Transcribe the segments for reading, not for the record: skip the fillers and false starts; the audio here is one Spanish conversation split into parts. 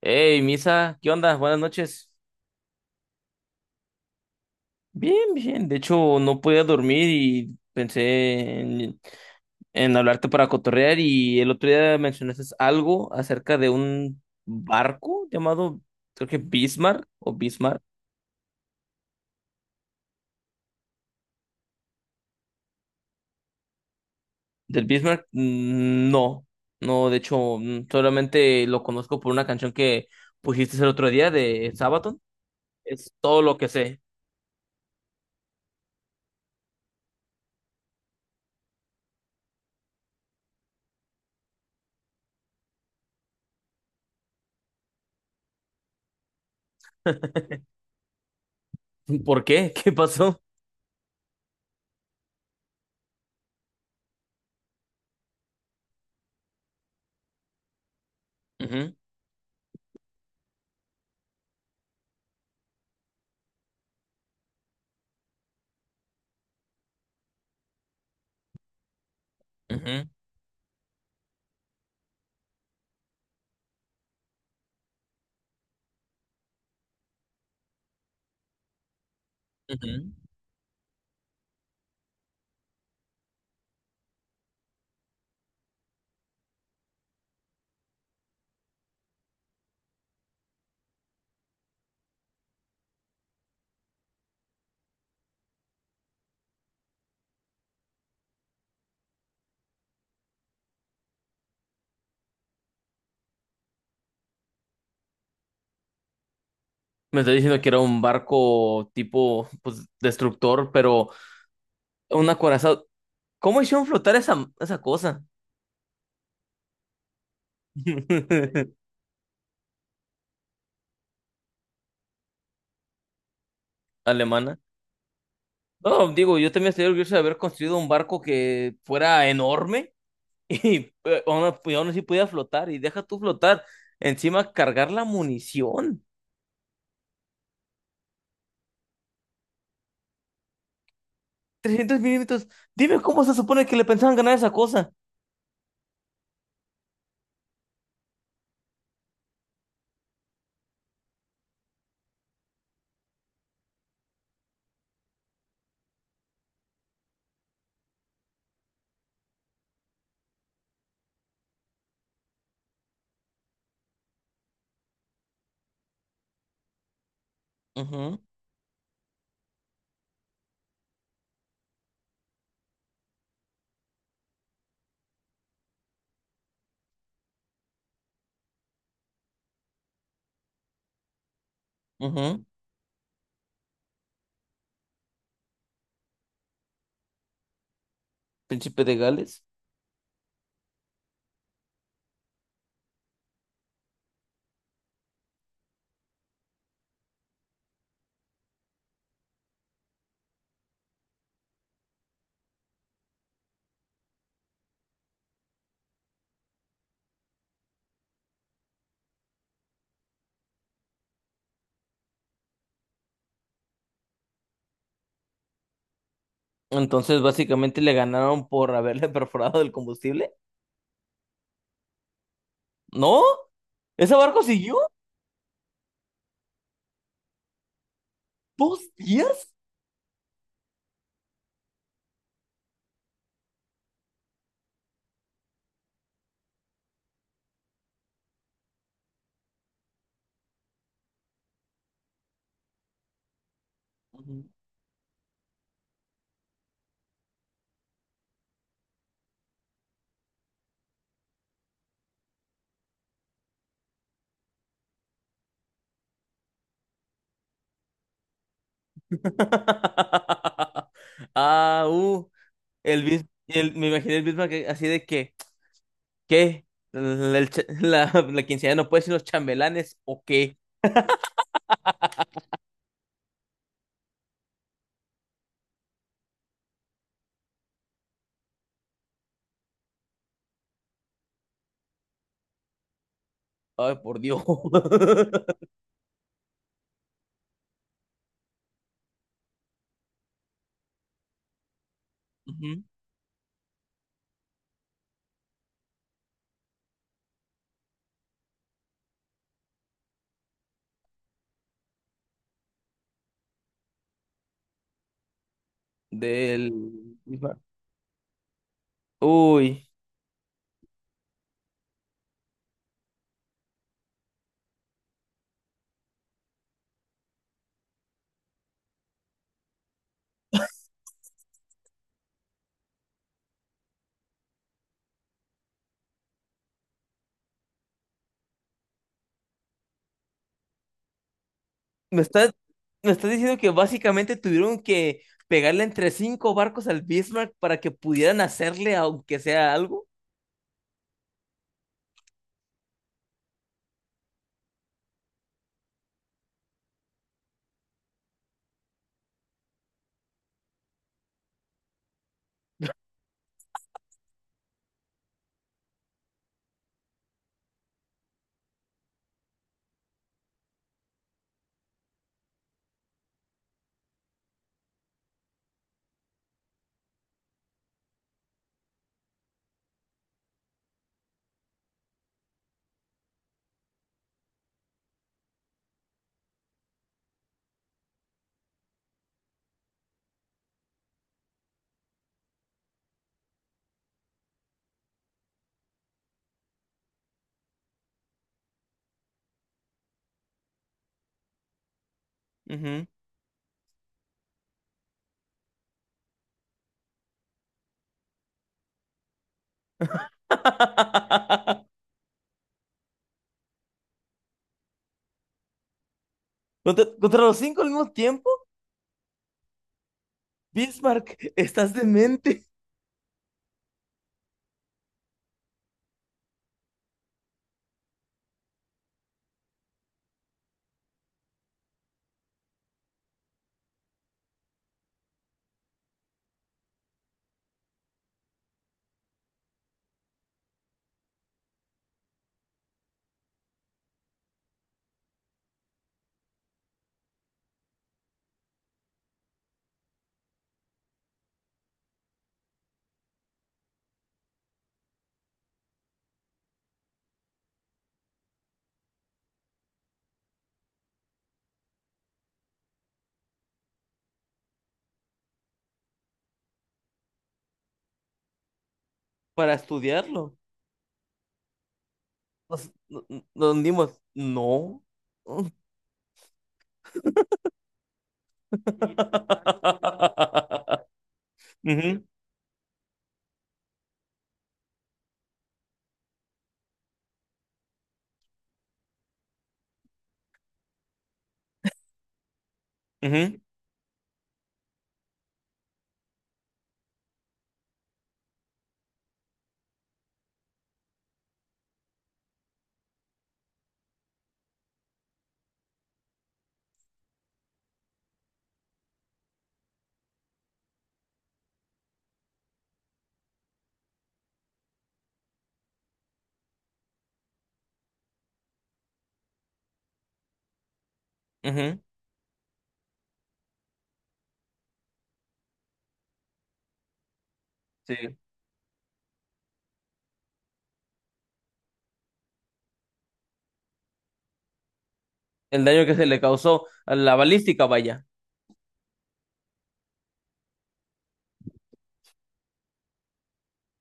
Hey, Misa, ¿qué onda? Buenas noches. Bien, bien. De hecho, no podía dormir y pensé en hablarte para cotorrear. Y el otro día mencionaste algo acerca de un barco llamado, creo que Bismarck o Bismarck. ¿Del Bismarck? No, no, de hecho, solamente lo conozco por una canción que pusiste el otro día de Sabaton. Es todo lo que sé. ¿Por qué? ¿Qué pasó? Ujú, ujú, ujú. Me está diciendo que era un barco tipo, pues, destructor, pero un acorazado. ¿Cómo hicieron flotar esa, esa cosa? Alemana. No, digo, yo también estoy orgulloso de haber construido un barco que fuera enorme y y aún así pudiera flotar. Y deja tú flotar. Encima, cargar la munición. 300 mm. Dime cómo se supone que le pensaban ganar esa cosa. Ujú, ujú. Príncipe de Gales. Entonces, básicamente le ganaron por haberle perforado el combustible. ¿No? ¿Ese barco siguió? ¿Dos días? Ujú. Ah, uh, Me imaginé el Bismarck que, así de que, ¿qué? ¿La, el cha- la quinceañera no puede ser los chambelanes o qué? Ay, por Dios. Ujú. Del Bismarck. Uy, me estás, me estás diciendo que básicamente tuvieron que pegarle entre cinco barcos al Bismarck para que pudieran hacerle aunque sea algo. Ujú. Contra los cinco al mismo tiempo. Bismarck, estás demente para estudiarlo. Nos hundimos. No. Ujú, ujú, ujú. Sí. El daño que se le causó a la balística, vaya.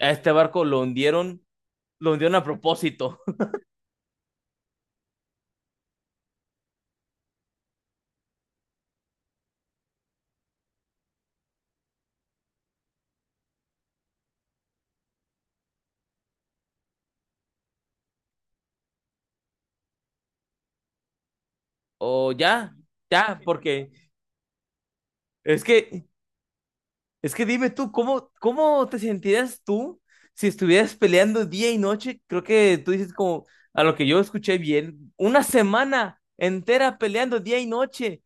A este barco lo hundieron a propósito. O ya, ya, porque es que es que dime tú, ¿cómo, cómo te sentirías tú si estuvieras peleando día y noche? Creo que tú dices como, a lo que yo escuché bien, una semana entera peleando día y noche.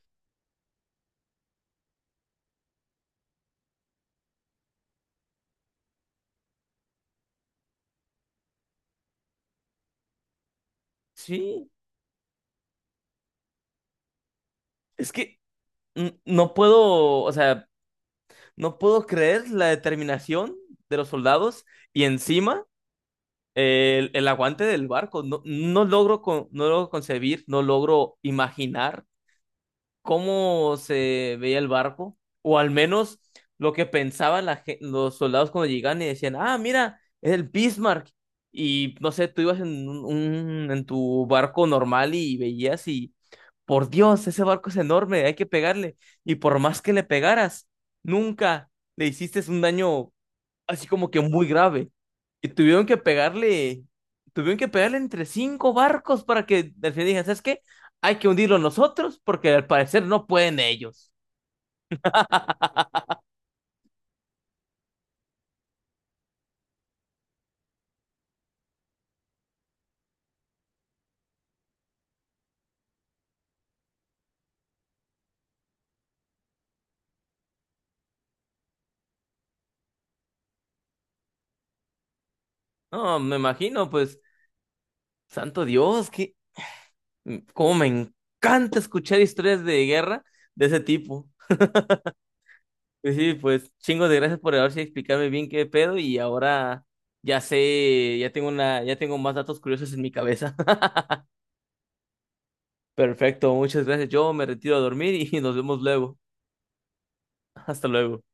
Sí, es que no puedo, o sea, no puedo creer la determinación de los soldados. Y encima el aguante del barco. No, no logro concebir, no logro imaginar cómo se veía el barco, o al menos lo que pensaban los soldados cuando llegaban y decían, ah, mira, es el Bismarck. Y no sé, tú ibas en en tu barco normal y veías y, por Dios, ese barco es enorme, hay que pegarle. Y por más que le pegaras, nunca le hiciste un daño así como que muy grave. Y tuvieron que pegarle entre cinco barcos para que al final dijeran, ¿sabes qué? Hay que hundirlo nosotros porque al parecer no pueden ellos. No, me imagino, pues, santo Dios, que cómo me encanta escuchar historias de guerra de ese tipo. Y sí, pues, chingo de gracias por haberse explicarme bien qué pedo. Y ahora ya sé, ya tengo más datos curiosos en mi cabeza. Perfecto, muchas gracias. Yo me retiro a dormir y nos vemos luego. Hasta luego.